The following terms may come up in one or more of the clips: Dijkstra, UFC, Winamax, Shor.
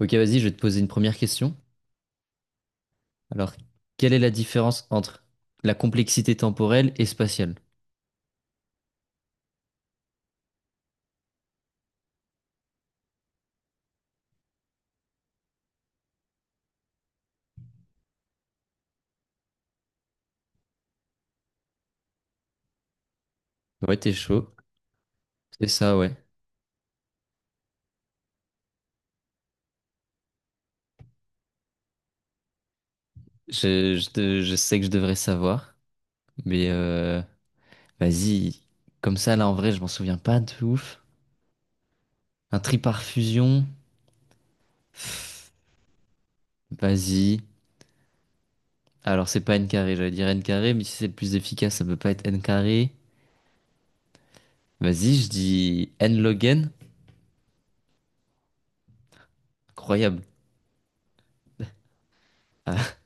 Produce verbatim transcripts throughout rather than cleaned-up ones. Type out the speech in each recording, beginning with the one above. Ok, vas-y, je vais te poser une première question. Alors, quelle est la différence entre la complexité temporelle et spatiale? Ouais, t'es chaud. C'est ça, ouais. Je, je te- je sais que je devrais savoir, mais euh, vas-y. Comme ça, là, en vrai, je m'en souviens pas de ouf. Un tri par fusion. Pff, vas-y. Alors, c'est pas n carré, j'allais dire n carré, mais si c'est le plus efficace, ça peut pas être n carré. Vas-y, je dis n log n. Incroyable. Ah,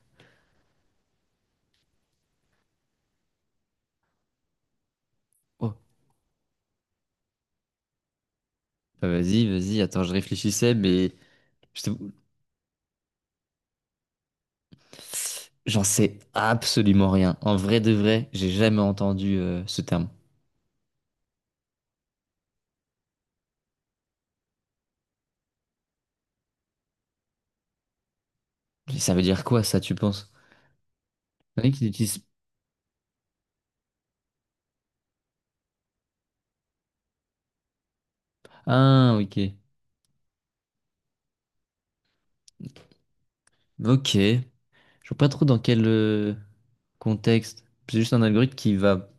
oh. Ah, vas-y, vas-y. Attends, je réfléchissais, mais... Je t'avoue, j'en sais absolument rien. En vrai de vrai, j'ai jamais entendu euh, ce terme. Ça veut dire quoi ça, tu penses? Il y en a qui l'utilisent. Ah, ok. Ok. Je vois pas trop dans quel euh, contexte. C'est juste un algorithme qui va,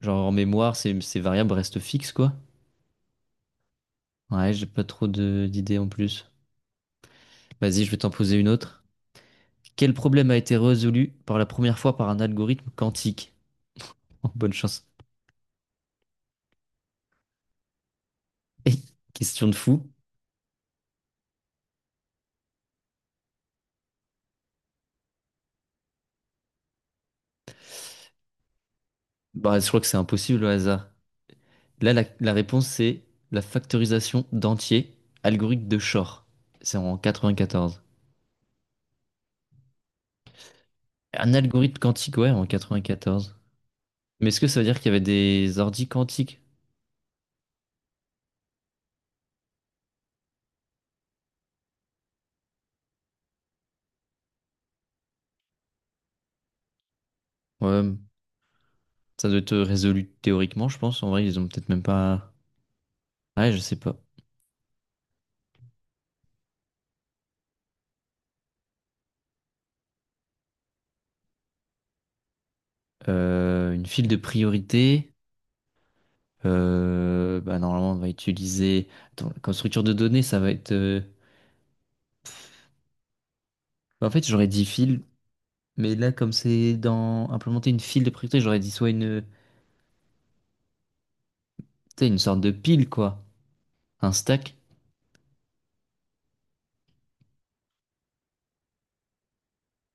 genre en mémoire, ces, ces variables restent fixes, quoi. Ouais, j'ai pas trop de- d'idées en plus. Vas-y, je vais t'en poser une autre. Quel problème a été résolu pour la première fois par un algorithme quantique? Oh, bonne chance. Question de fou. Bah, je crois que c'est impossible au hasard. Là, la, la réponse, c'est la factorisation d'entiers, algorithme de Shor. C'est en quatre-vingt-quatorze. Un algorithme quantique, ouais, en quatre-vingt-quatorze. Mais est-ce que ça veut dire qu'il y avait des ordi quantiques? Ouais, ça doit être résolu théoriquement, je pense. En vrai, ils ont peut-être même pas... Ah ouais, je sais pas. Euh, une file de priorité. Euh, bah, normalement, on va utiliser... Attends, comme structure de données, ça va être... euh, bah, en fait, j'aurais dit file, mais là, comme c'est dans implémenter une file de priorité, j'aurais dit soit une... tu sais, une sorte de pile, quoi. Un stack?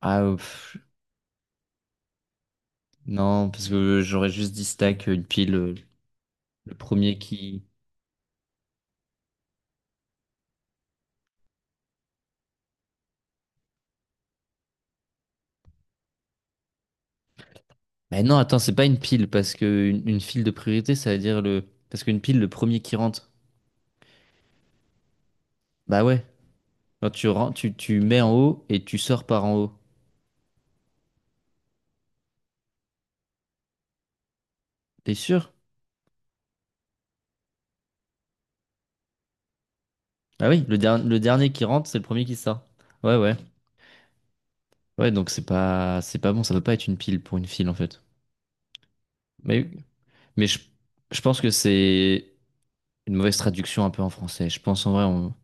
Ah, euh, pff, non, parce que j'aurais juste dit stack, euh, une pile, euh, le premier qui. Mais non, attends, c'est pas une pile, parce que une, une file de priorité, ça veut dire le. Parce qu'une pile, le premier qui rentre. Bah ouais. Quand tu, ren- tu, tu mets en haut et tu sors par en haut. T'es sûr? Ah oui, le, der- le dernier qui rentre, c'est le premier qui sort. Ouais, ouais. Ouais, donc c'est pas, c'est pas bon, ça peut pas être une pile pour une file, en fait. Mais, mais je, je pense que c'est une mauvaise traduction un peu en français. Je pense en vrai, on-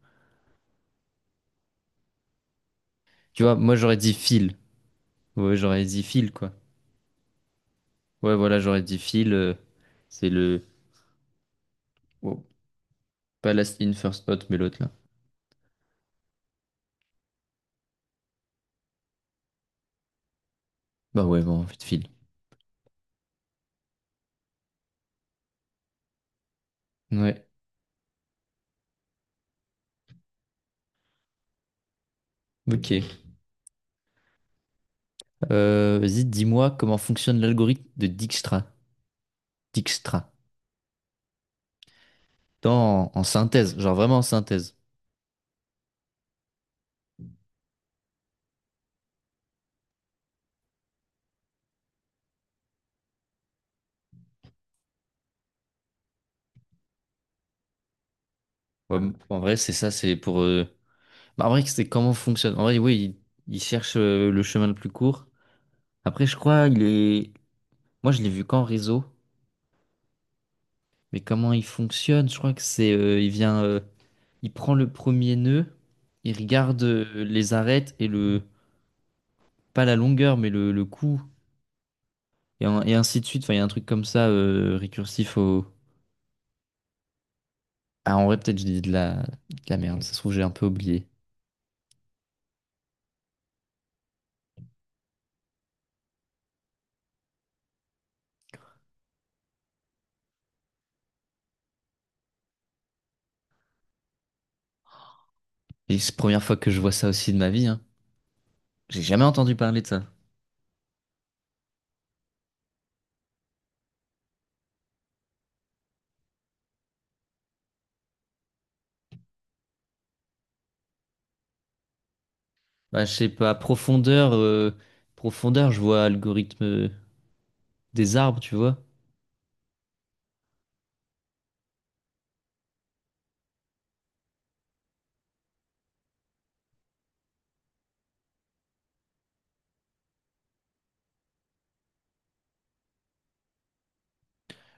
tu vois, moi j'aurais dit file. Ouais, j'aurais dit Phil, quoi. Ouais, voilà, j'aurais dit Phil. Euh, c'est le. Oh, pas Last In First Out, mais l'autre là. Bah ouais, bon, en fait, Phil. Ouais, ok. Euh, vas-y, dis-moi comment fonctionne l'algorithme de Dijkstra. Dijkstra. Dans, en synthèse, genre vraiment en synthèse. Ouais, m- en vrai, c'est ça, c'est pour. euh, Bah, en vrai, c'est comment fonctionne. En vrai, oui, il, il cherche euh, le chemin le plus court. Après, je crois, il est. Moi, je l'ai vu qu'en réseau. Mais comment il fonctionne? Je crois que c'est, euh, il vient, euh, il prend le premier nœud, il regarde euh, les arêtes et le, pas la longueur, mais le, le coup, et, en- et ainsi de suite. Enfin, il y a un truc comme ça euh, récursif au. Ah, en vrai, peut-être je dis de la, de la merde. Ça se trouve, j'ai un peu oublié. Et c'est la première fois que je vois ça aussi de ma vie, hein. J'ai jamais entendu parler de ça. Bah, je sais pas, profondeur, euh, profondeur, je vois algorithme euh, des arbres, tu vois.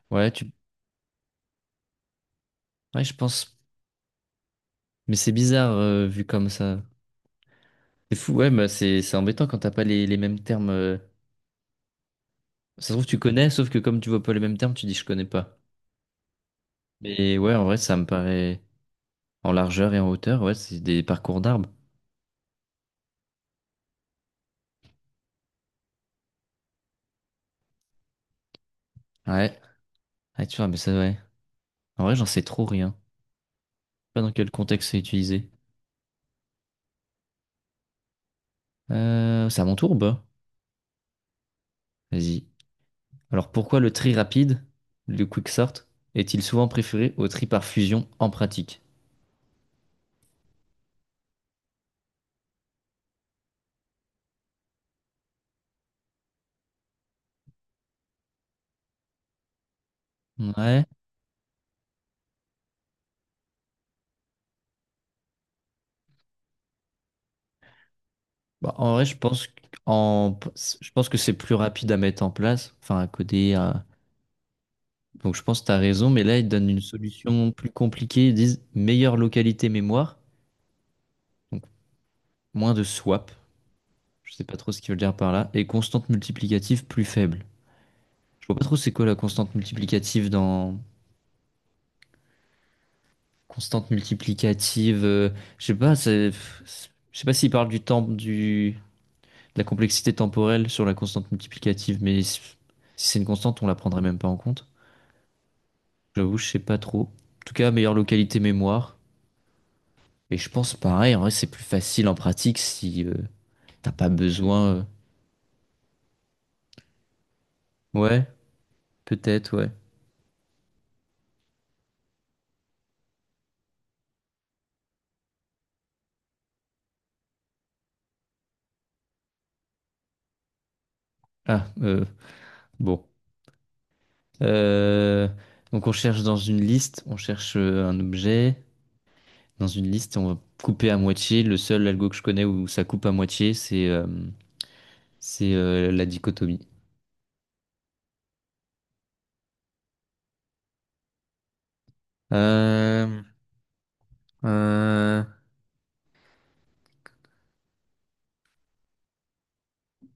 Ouais, tu, ouais, je pense. Mais c'est bizarre euh, vu comme ça. C'est fou, ouais, mais c'est c'est embêtant quand t'as pas les, les mêmes termes. euh. Ça se trouve, tu connais, sauf que comme tu vois pas les mêmes termes, tu dis je connais pas. Mais ouais, en vrai, ça me paraît en largeur et en hauteur, ouais, c'est des parcours d'arbres. Ouais, ouais, tu vois, mais ça, ouais. En vrai, j'en sais trop rien. Je sais pas dans quel contexte c'est utilisé. Euh, c'est à mon tour, bah. Vas-y. Alors pourquoi le tri rapide, le quick sort, est-il souvent préféré au tri par fusion en pratique? Ouais. Bah, en vrai, je pense qu'en- je pense que c'est plus rapide à mettre en place, enfin à coder, à donc je pense que tu as raison, mais là, ils donnent une solution plus compliquée. Ils disent meilleure localité mémoire, donc moins de swap, je sais pas trop ce qu'ils veulent dire par là, et constante multiplicative plus faible. Je vois pas trop c'est quoi la constante multiplicative dans... Constante multiplicative, euh, je sais pas, c'est... c'est- Je sais pas s'ils parlent du temps, du... de la complexité temporelle sur la constante multiplicative, mais si si c'est une constante, on la prendrait même pas en compte. J'avoue, je sais pas trop. En tout cas, meilleure localité mémoire. Et je pense pareil, en vrai, c'est plus facile en pratique si euh, t'as pas besoin. euh. Ouais, peut-être, ouais. Ah, euh, bon. Euh, donc on cherche dans une liste, on cherche euh, un objet. Dans une liste, on va couper à moitié. Le seul algo que je connais où ça coupe à moitié, c'est euh, c'est euh, la dichotomie. Euh, euh,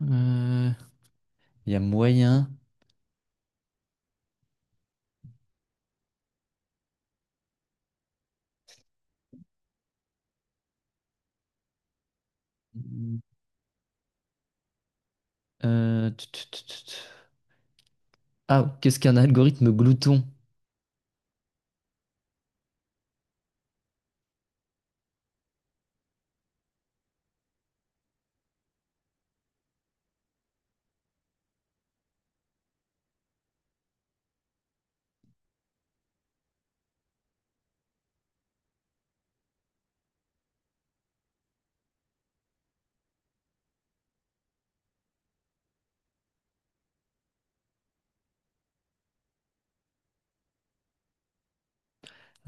euh, Il y a moyen. Euh, tut, tut, tut, tut. Ah, qu'est-ce qu'un algorithme glouton?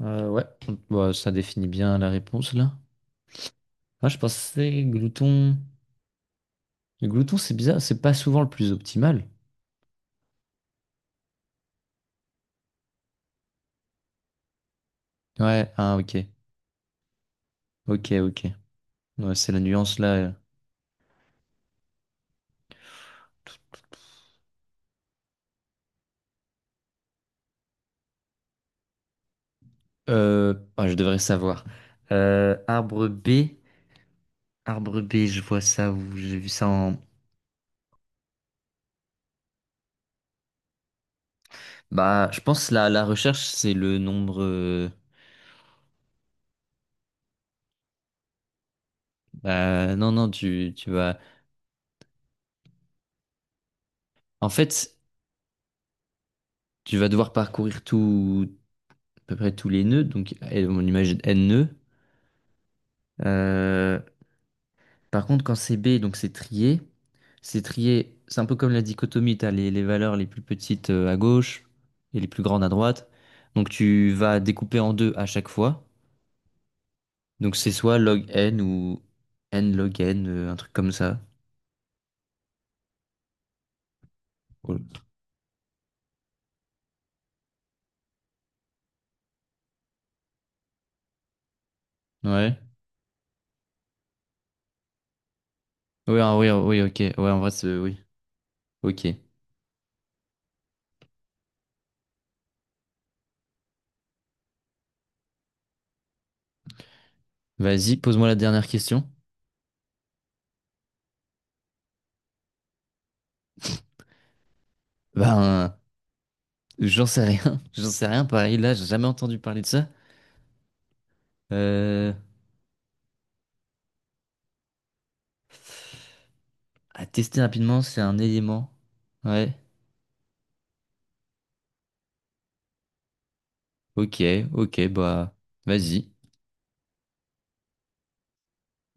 Euh, ouais, bah, ça définit bien la réponse là. Ah, je pensais glouton. Le glouton, c'est bizarre, c'est pas souvent le plus optimal. Ouais, ah ok, ok, ok. Ouais, c'est la nuance là. Euh, ah, je devrais savoir. Euh, arbre B, arbre B, je vois ça où j'ai vu ça en. Bah, je pense la la recherche c'est le nombre. euh, Bah non non, tu tu vas. En fait, tu vas devoir parcourir tout à peu près tous les nœuds, donc eh, on imagine n nœuds. Euh, Par contre, quand c'est B, donc c'est trié, c'est trié, c'est un peu comme la dichotomie, t'as les, les valeurs les plus petites euh, à gauche et les plus grandes à droite. Donc tu vas découper en deux à chaque fois. Donc c'est soit log n ou n log n, euh, un truc comme ça. Cool. Ouais. Oui, ah oui, ah oui, ok. Ouais, en vrai, c'est... Oui, ok. Vas-y, pose-moi la dernière question. Ben, j'en sais rien. J'en sais rien, pareil, là, j'ai jamais entendu parler de ça. Euh, à tester rapidement, c'est un élément. Ouais. Ok, ok, bah vas-y.